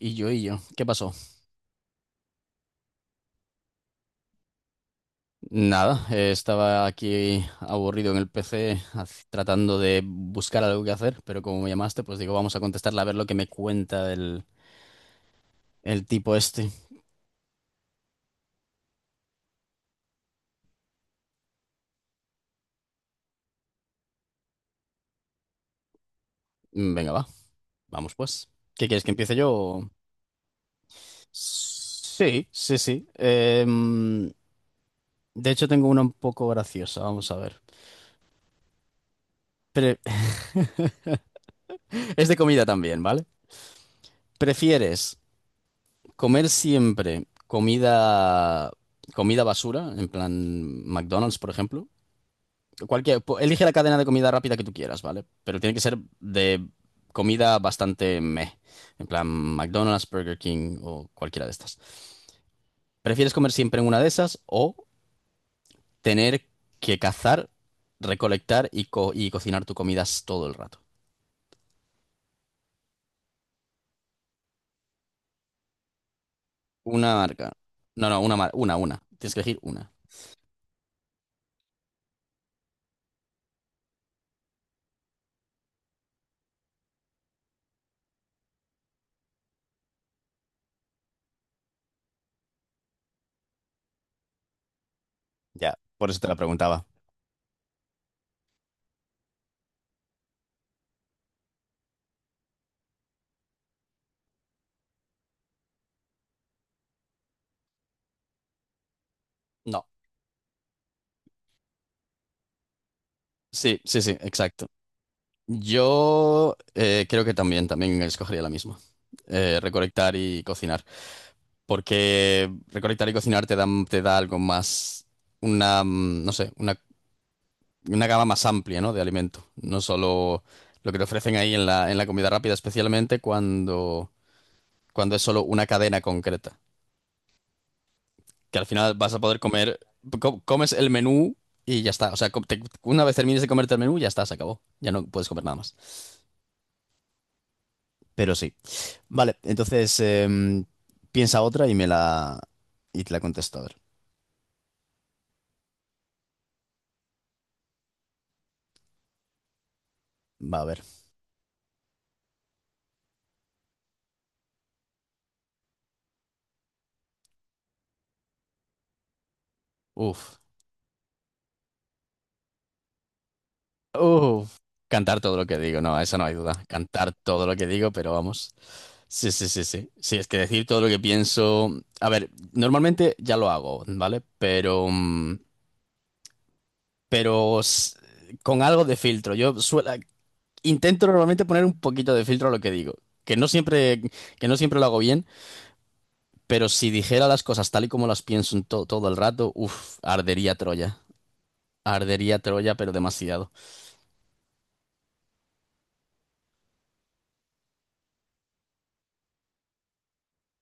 Y yo, ¿qué pasó? Nada, estaba aquí aburrido en el PC tratando de buscar algo que hacer, pero como me llamaste, pues digo, vamos a contestarle a ver lo que me cuenta el tipo este. Venga, va, vamos pues. ¿Qué quieres que empiece yo? Sí, sí, sí. De hecho, tengo una un poco graciosa, vamos a ver. Pre- es de comida también, ¿vale? ¿Prefieres comer siempre comida, comida basura, en plan McDonald's, por ejemplo? Elige la cadena de comida rápida que tú quieras, ¿vale? Pero tiene que ser de comida bastante meh. En plan, McDonald's, Burger King o cualquiera de estas. ¿Prefieres comer siempre en una de esas o tener que cazar, recolectar y cocinar tu comida todo el rato? Una marca. No, no, una, una. Tienes que elegir una. Ya, por eso te la preguntaba. No. Sí, sí, sí, exacto. Yo creo que también, también escogería la misma. Recolectar y cocinar. Porque recolectar y cocinar te da algo más, una, no sé, una gama más amplia, ¿no? De alimento, no solo lo que te ofrecen ahí en la comida rápida, especialmente cuando, cuando es solo una cadena concreta, que al final vas a poder comer, comes el menú y ya está, o sea, una vez termines de comerte el menú, ya está, se acabó, ya no puedes comer nada más. Pero sí, vale, entonces piensa otra y me la, y te la contesto, a ver, va a ver, uf. Uh, Cantar todo lo que digo, no, eso no hay duda. Cantar todo lo que digo, pero vamos. Sí, sí, sí, sí. Sí, es que decir todo lo que pienso. A ver, normalmente ya lo hago, ¿vale? Pero, pero s- con algo de filtro. Yo suelo, intento normalmente poner un poquito de filtro a lo que digo. Que no siempre, que no siempre lo hago bien, pero si dijera las cosas tal y como las pienso en todo el rato, uff, ardería Troya. Ardería Troya, pero demasiado.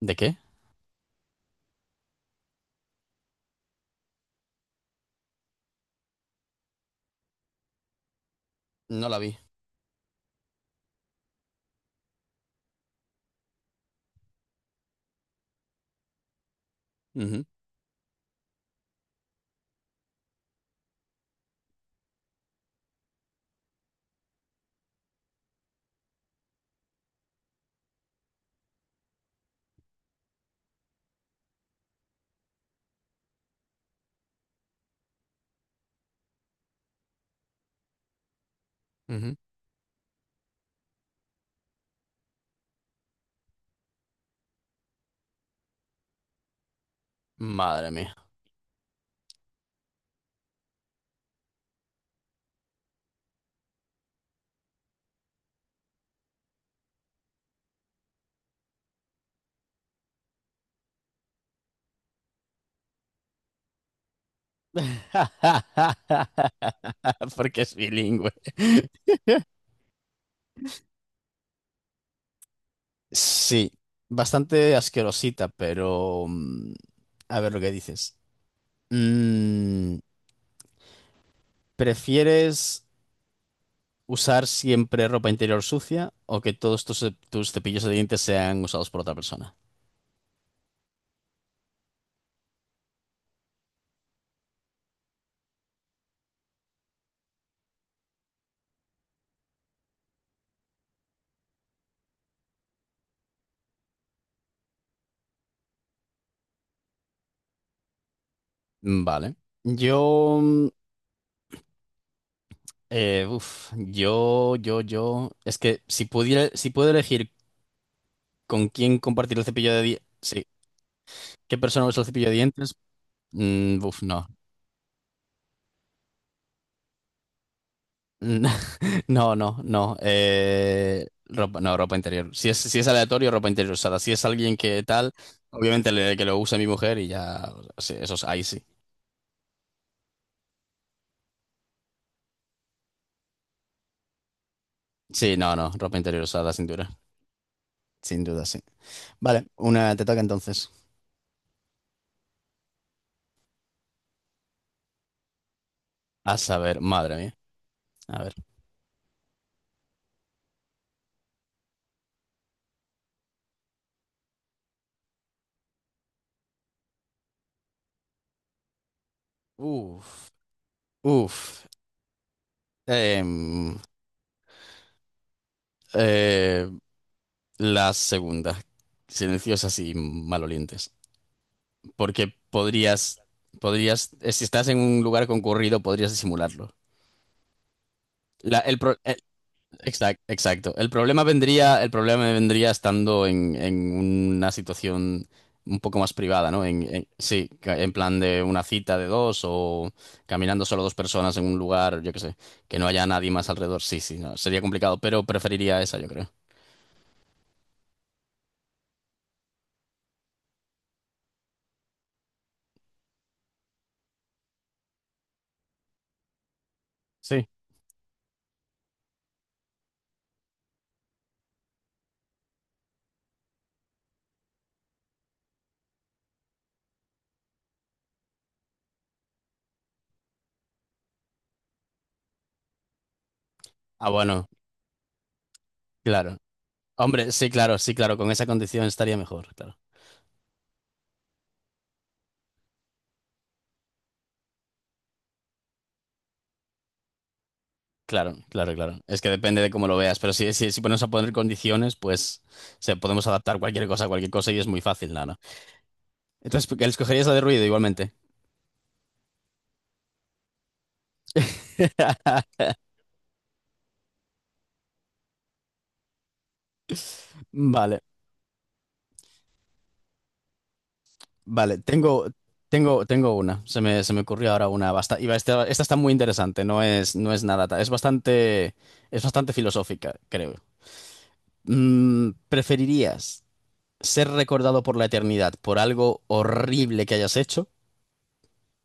¿De qué? No la vi. Ujú, ujú. Madre mía. Porque es bilingüe. Sí, bastante asquerosita, pero... A ver lo que dices. Mm, ¿Prefieres usar siempre ropa interior sucia o que todos tus, tus cepillos de dientes sean usados por otra persona? Vale. Yo... uf, yo... Es que si pudiera, si puedo elegir con quién compartir el cepillo de dientes... ¿Qué persona usa el cepillo de dientes? Uf, no. Mm, No, no, no. Ropa, no, ropa interior. Si es, si es aleatorio, ropa interior usada. Si es alguien que tal, obviamente que lo use mi mujer y ya. Sí, eso es ahí sí. Sí, no, no. Ropa interior usada, sin duda. Sin duda, sí. Vale, una te toca entonces. A saber, madre mía. A ver. Uf, uf. Em, eh, la segunda. Silenciosas y malolientes. Porque podrías, podrías, si estás en un lugar concurrido, podrías disimularlo. La- el pro- el- exact- Exacto. El problema vendría estando en una situación un poco más privada, ¿no? Sí, en plan de una cita de dos o caminando solo dos personas en un lugar, yo qué sé, que no haya nadie más alrededor. Sí, sí, no, sería complicado, pero preferiría esa, yo creo. Sí. Ah, bueno, claro. Hombre, sí, claro, sí, claro, con esa condición estaría mejor, claro. Claro, claro, claro. Es que depende de cómo lo veas, pero si, si, si ponemos a poner condiciones, pues podemos adaptar cualquier cosa a cualquier cosa y es muy fácil, nada. Entonces, ¿qué escogerías la de ruido igualmente? Vale, vale. Tengo, tengo, tengo una. Se me ocurrió ahora una. Esta, esta está muy interesante. No es, no es nada. Es bastante filosófica, creo. ¿Preferirías ser recordado por la eternidad por algo horrible que hayas hecho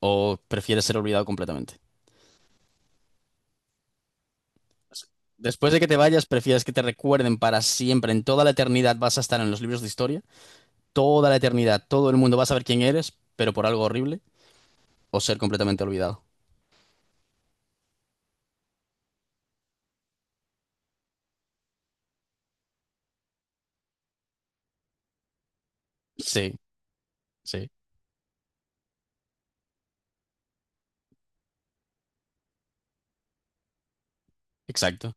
o prefieres ser olvidado completamente? Después de que te vayas, prefieres que te recuerden para siempre. En toda la eternidad vas a estar en los libros de historia. Toda la eternidad. Todo el mundo va a saber quién eres, pero por algo horrible. O ser completamente olvidado. Sí, sí, exacto.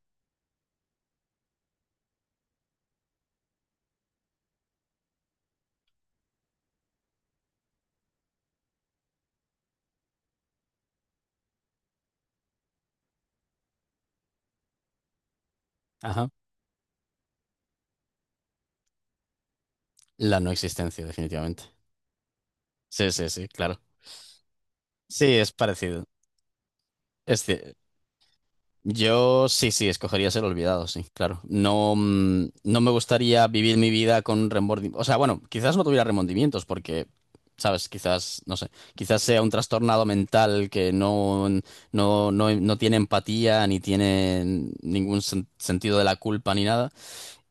Ajá. La no existencia, definitivamente. Sí, sí, sí, claro. Sí, es parecido. Es, ci- Yo sí, sí, escogería ser olvidado, sí, claro. No, no me gustaría vivir mi vida con remordimientos. O sea, bueno, quizás no tuviera remordimientos porque, ¿sabes? Quizás, no sé, quizás sea un trastornado mental que no, no, no, no tiene empatía ni tiene ningún sentido de la culpa ni nada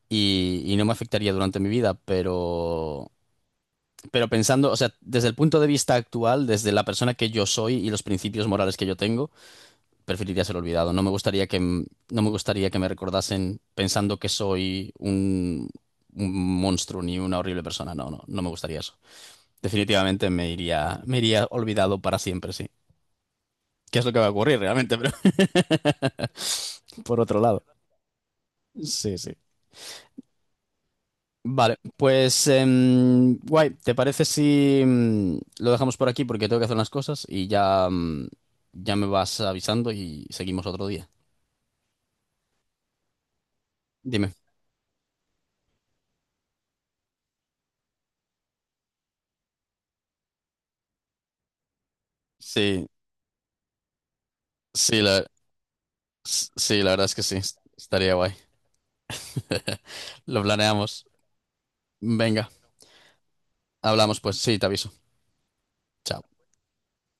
y, y no me afectaría durante mi vida, pero... Pero pensando, o sea, desde el punto de vista actual, desde la persona que yo soy y los principios morales que yo tengo, preferiría ser olvidado. No me gustaría que, no me gustaría que me recordasen pensando que soy un monstruo ni una horrible persona. No, no, no me gustaría eso. Definitivamente me iría olvidado para siempre, sí. ¿Qué es lo que va a ocurrir realmente? Pero por otro lado. Sí, sí. Vale, pues guay, ¿te parece si lo dejamos por aquí porque tengo que hacer unas cosas y ya, ya me vas avisando y seguimos otro día? Dime. Sí, sí, sí, la verdad es que sí, estaría guay. Lo planeamos. Venga, hablamos pues. Sí, te aviso. Chao.